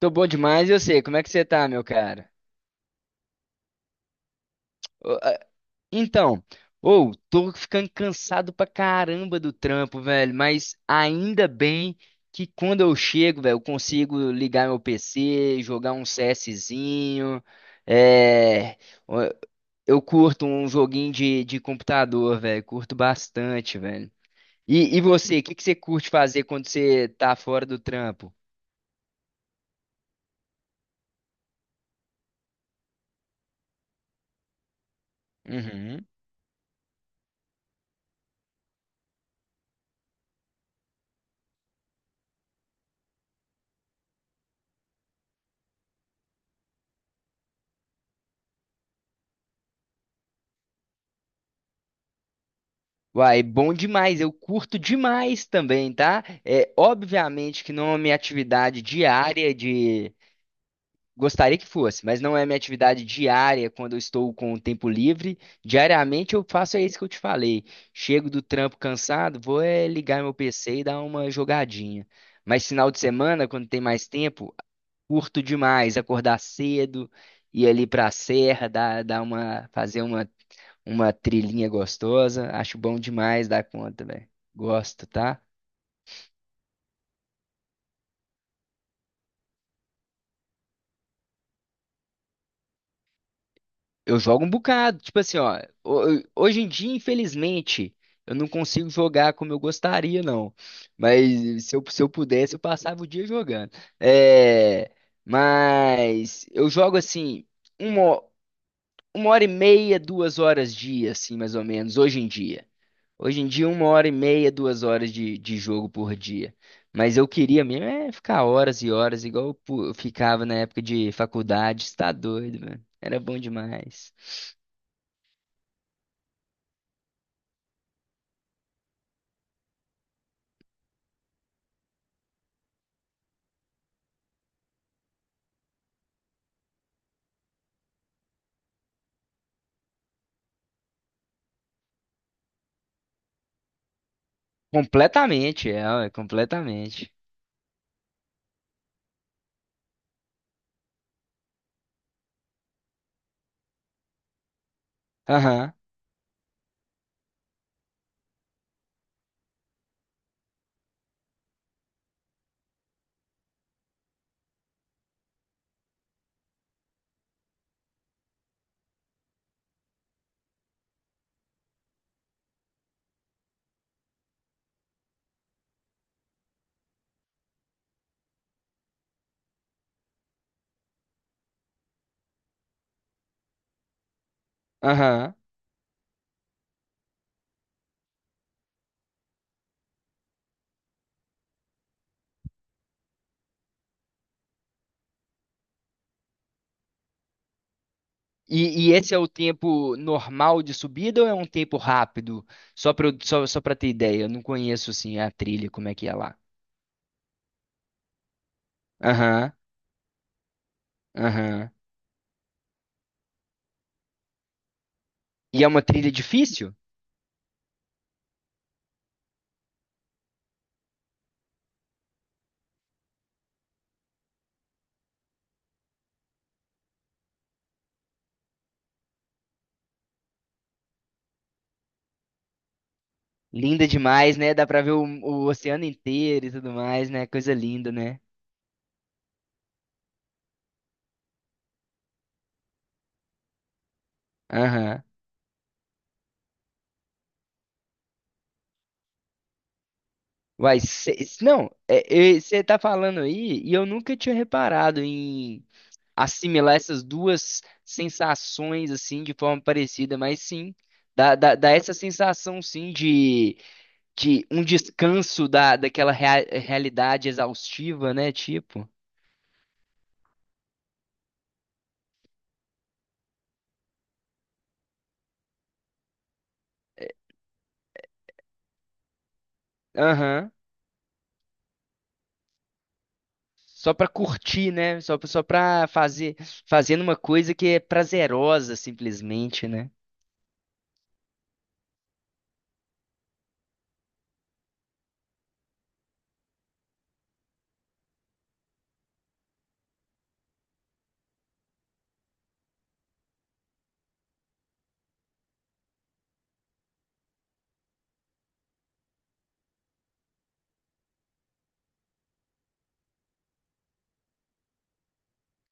Tô bom demais, eu sei. Como é que você tá, meu cara? Ô, então, ou tô ficando cansado pra caramba do trampo, velho, mas ainda bem que quando eu chego, velho, eu consigo ligar meu PC, jogar um CSzinho, é... ó, eu curto um joguinho de computador, velho, curto bastante, velho. E você, o que que você curte fazer quando você tá fora do trampo? Uai, bom demais, eu curto demais também, tá? É, obviamente que não é minha atividade diária de. Gostaria que fosse, mas não é minha atividade diária quando eu estou com o tempo livre. Diariamente eu faço é isso que eu te falei. Chego do trampo cansado, vou é ligar meu PC e dar uma jogadinha. Mas final de semana, quando tem mais tempo, curto demais acordar cedo, ir ali pra serra, fazer uma trilhinha gostosa. Acho bom demais dar conta, velho. Gosto, tá? Eu jogo um bocado. Tipo assim, ó. Hoje em dia, infelizmente, eu não consigo jogar como eu gostaria, não. Mas se eu pudesse, eu passava o dia jogando. É. Mas eu jogo assim. Uma, uma hora e meia, duas horas dia, assim, mais ou menos, hoje em dia. Hoje em dia, uma hora e meia, duas horas de jogo por dia. Mas eu queria mesmo é ficar horas e horas, igual eu ficava na época de faculdade, você tá doido, mano. Era bom demais. Completamente, ué, completamente. Aham, aham. E esse é o tempo normal de subida ou é um tempo rápido? Só pra ter ideia, eu não conheço, assim, a trilha, como é que é lá. Aham, aham. E é uma trilha difícil? Linda demais, né? Dá pra ver o oceano inteiro e tudo mais, né? Coisa linda, né? Aham. Uai, não, você tá falando aí e eu nunca tinha reparado em assimilar essas duas sensações assim de forma parecida, mas sim, dá essa sensação sim de um descanso daquela realidade exaustiva, né? Tipo. Aham. Só pra curtir, né? Só pra fazendo uma coisa que é prazerosa, simplesmente, né?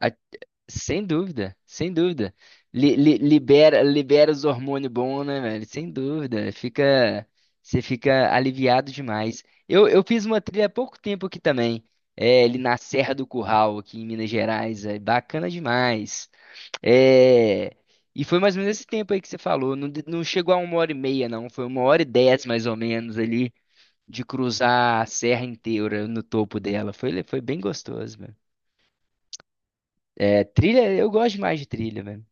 A- sem dúvida, sem dúvida. Libera os hormônios bons, né, velho? Sem dúvida. Você fica aliviado demais. Eu fiz uma trilha há pouco tempo aqui também. É, ali na Serra do Curral, aqui em Minas Gerais. É bacana demais. É, e foi mais ou menos esse tempo aí que você falou. Não, não chegou a uma hora e meia, não. Foi uma hora e dez, mais ou menos, ali. De cruzar a serra inteira no topo dela. Foi bem gostoso, mano. É, trilha, eu gosto demais de trilha, mano.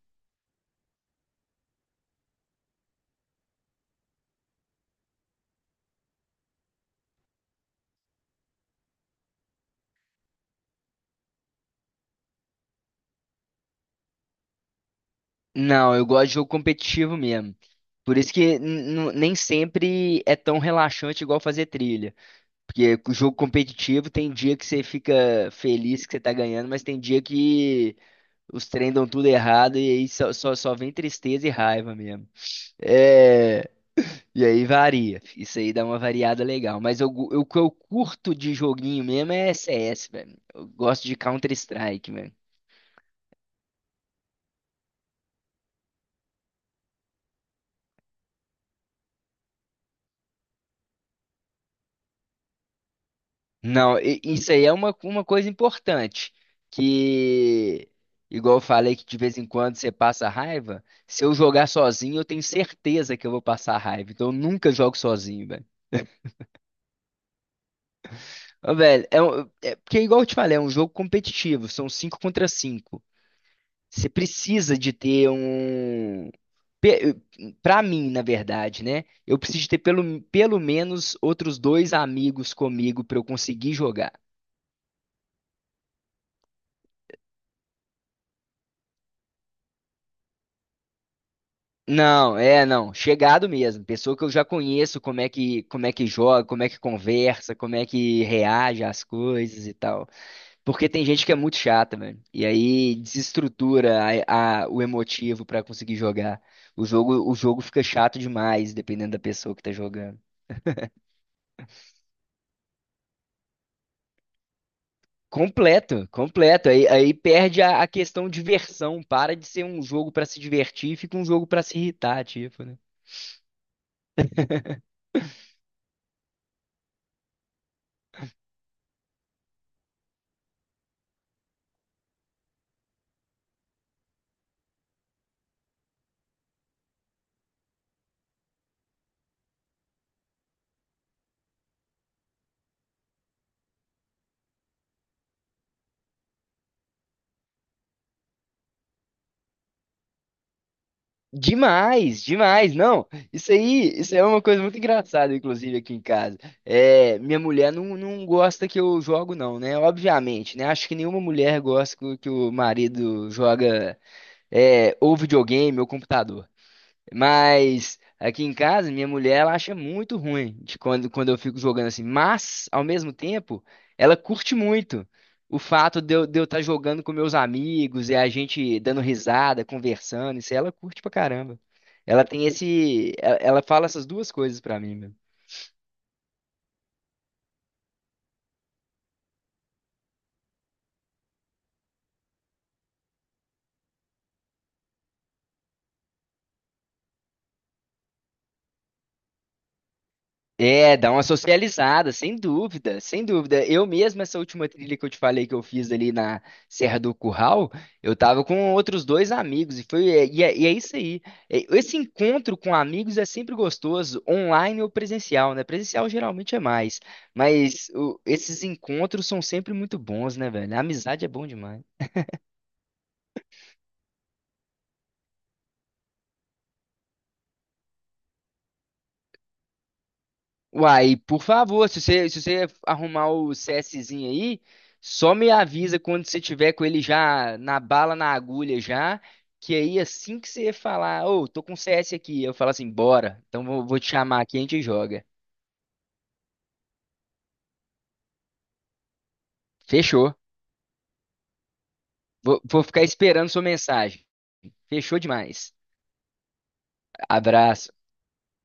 Não, eu gosto de jogo competitivo mesmo. Por isso que nem sempre é tão relaxante igual fazer trilha. Porque o jogo competitivo tem dia que você fica feliz que você tá ganhando, mas tem dia que os trem dão tudo errado e aí só vem tristeza e raiva mesmo. É. E aí varia. Isso aí dá uma variada legal. Mas o que eu curto de joguinho mesmo é CS, velho. Eu gosto de Counter-Strike, velho. Não, isso aí é uma coisa importante. Que, igual eu falei, que de vez em quando você passa raiva. Se eu jogar sozinho, eu tenho certeza que eu vou passar raiva. Então eu nunca jogo sozinho, velho. Ô, velho, é, porque igual eu te falei, é um jogo competitivo. São 5 contra 5. Você precisa de ter um. pe- Pra mim, na verdade, né? Eu preciso de ter pelo menos outros dois amigos comigo pra eu conseguir jogar. Não, não. Chegado mesmo. Pessoa que eu já conheço, como é que joga, como é que conversa, como é que reage às coisas e tal. Porque tem gente que é muito chata, velho. E aí desestrutura o emotivo pra conseguir jogar. O jogo fica chato demais, dependendo da pessoa que tá jogando. Completo, completo. Aí perde a questão diversão. Para de ser um jogo pra se divertir, e fica um jogo pra se irritar, tipo, né? Demais, demais. Não, isso aí é uma coisa muito engraçada, inclusive, aqui em casa. É, minha mulher não gosta que eu jogo, não, né? Obviamente, né? Acho que nenhuma mulher gosta que o marido joga é, ou videogame ou computador. Mas aqui em casa, minha mulher, ela acha muito ruim de quando, eu fico jogando assim. Mas, ao mesmo tempo, ela curte muito o fato de eu estar jogando com meus amigos e a gente dando risada, conversando. Isso aí ela curte pra caramba. Ela tem esse. Ela fala essas duas coisas pra mim, meu. É, dá uma socializada, sem dúvida, sem dúvida. Eu mesmo, essa última trilha que eu te falei que eu fiz ali na Serra do Curral, eu tava com outros dois amigos, e é isso aí. É, esse encontro com amigos é sempre gostoso, online ou presencial, né? Presencial geralmente é mais, mas esses encontros são sempre muito bons, né, velho? A amizade é bom demais. Uai, por favor, se você arrumar o CSzinho aí, só me avisa quando você tiver com ele já na bala, na agulha já, que aí assim que você falar, ô, tô com CS aqui, eu falo assim, bora, então vou te chamar aqui e a gente joga. Fechou. Vou ficar esperando sua mensagem. Fechou demais. Abraço.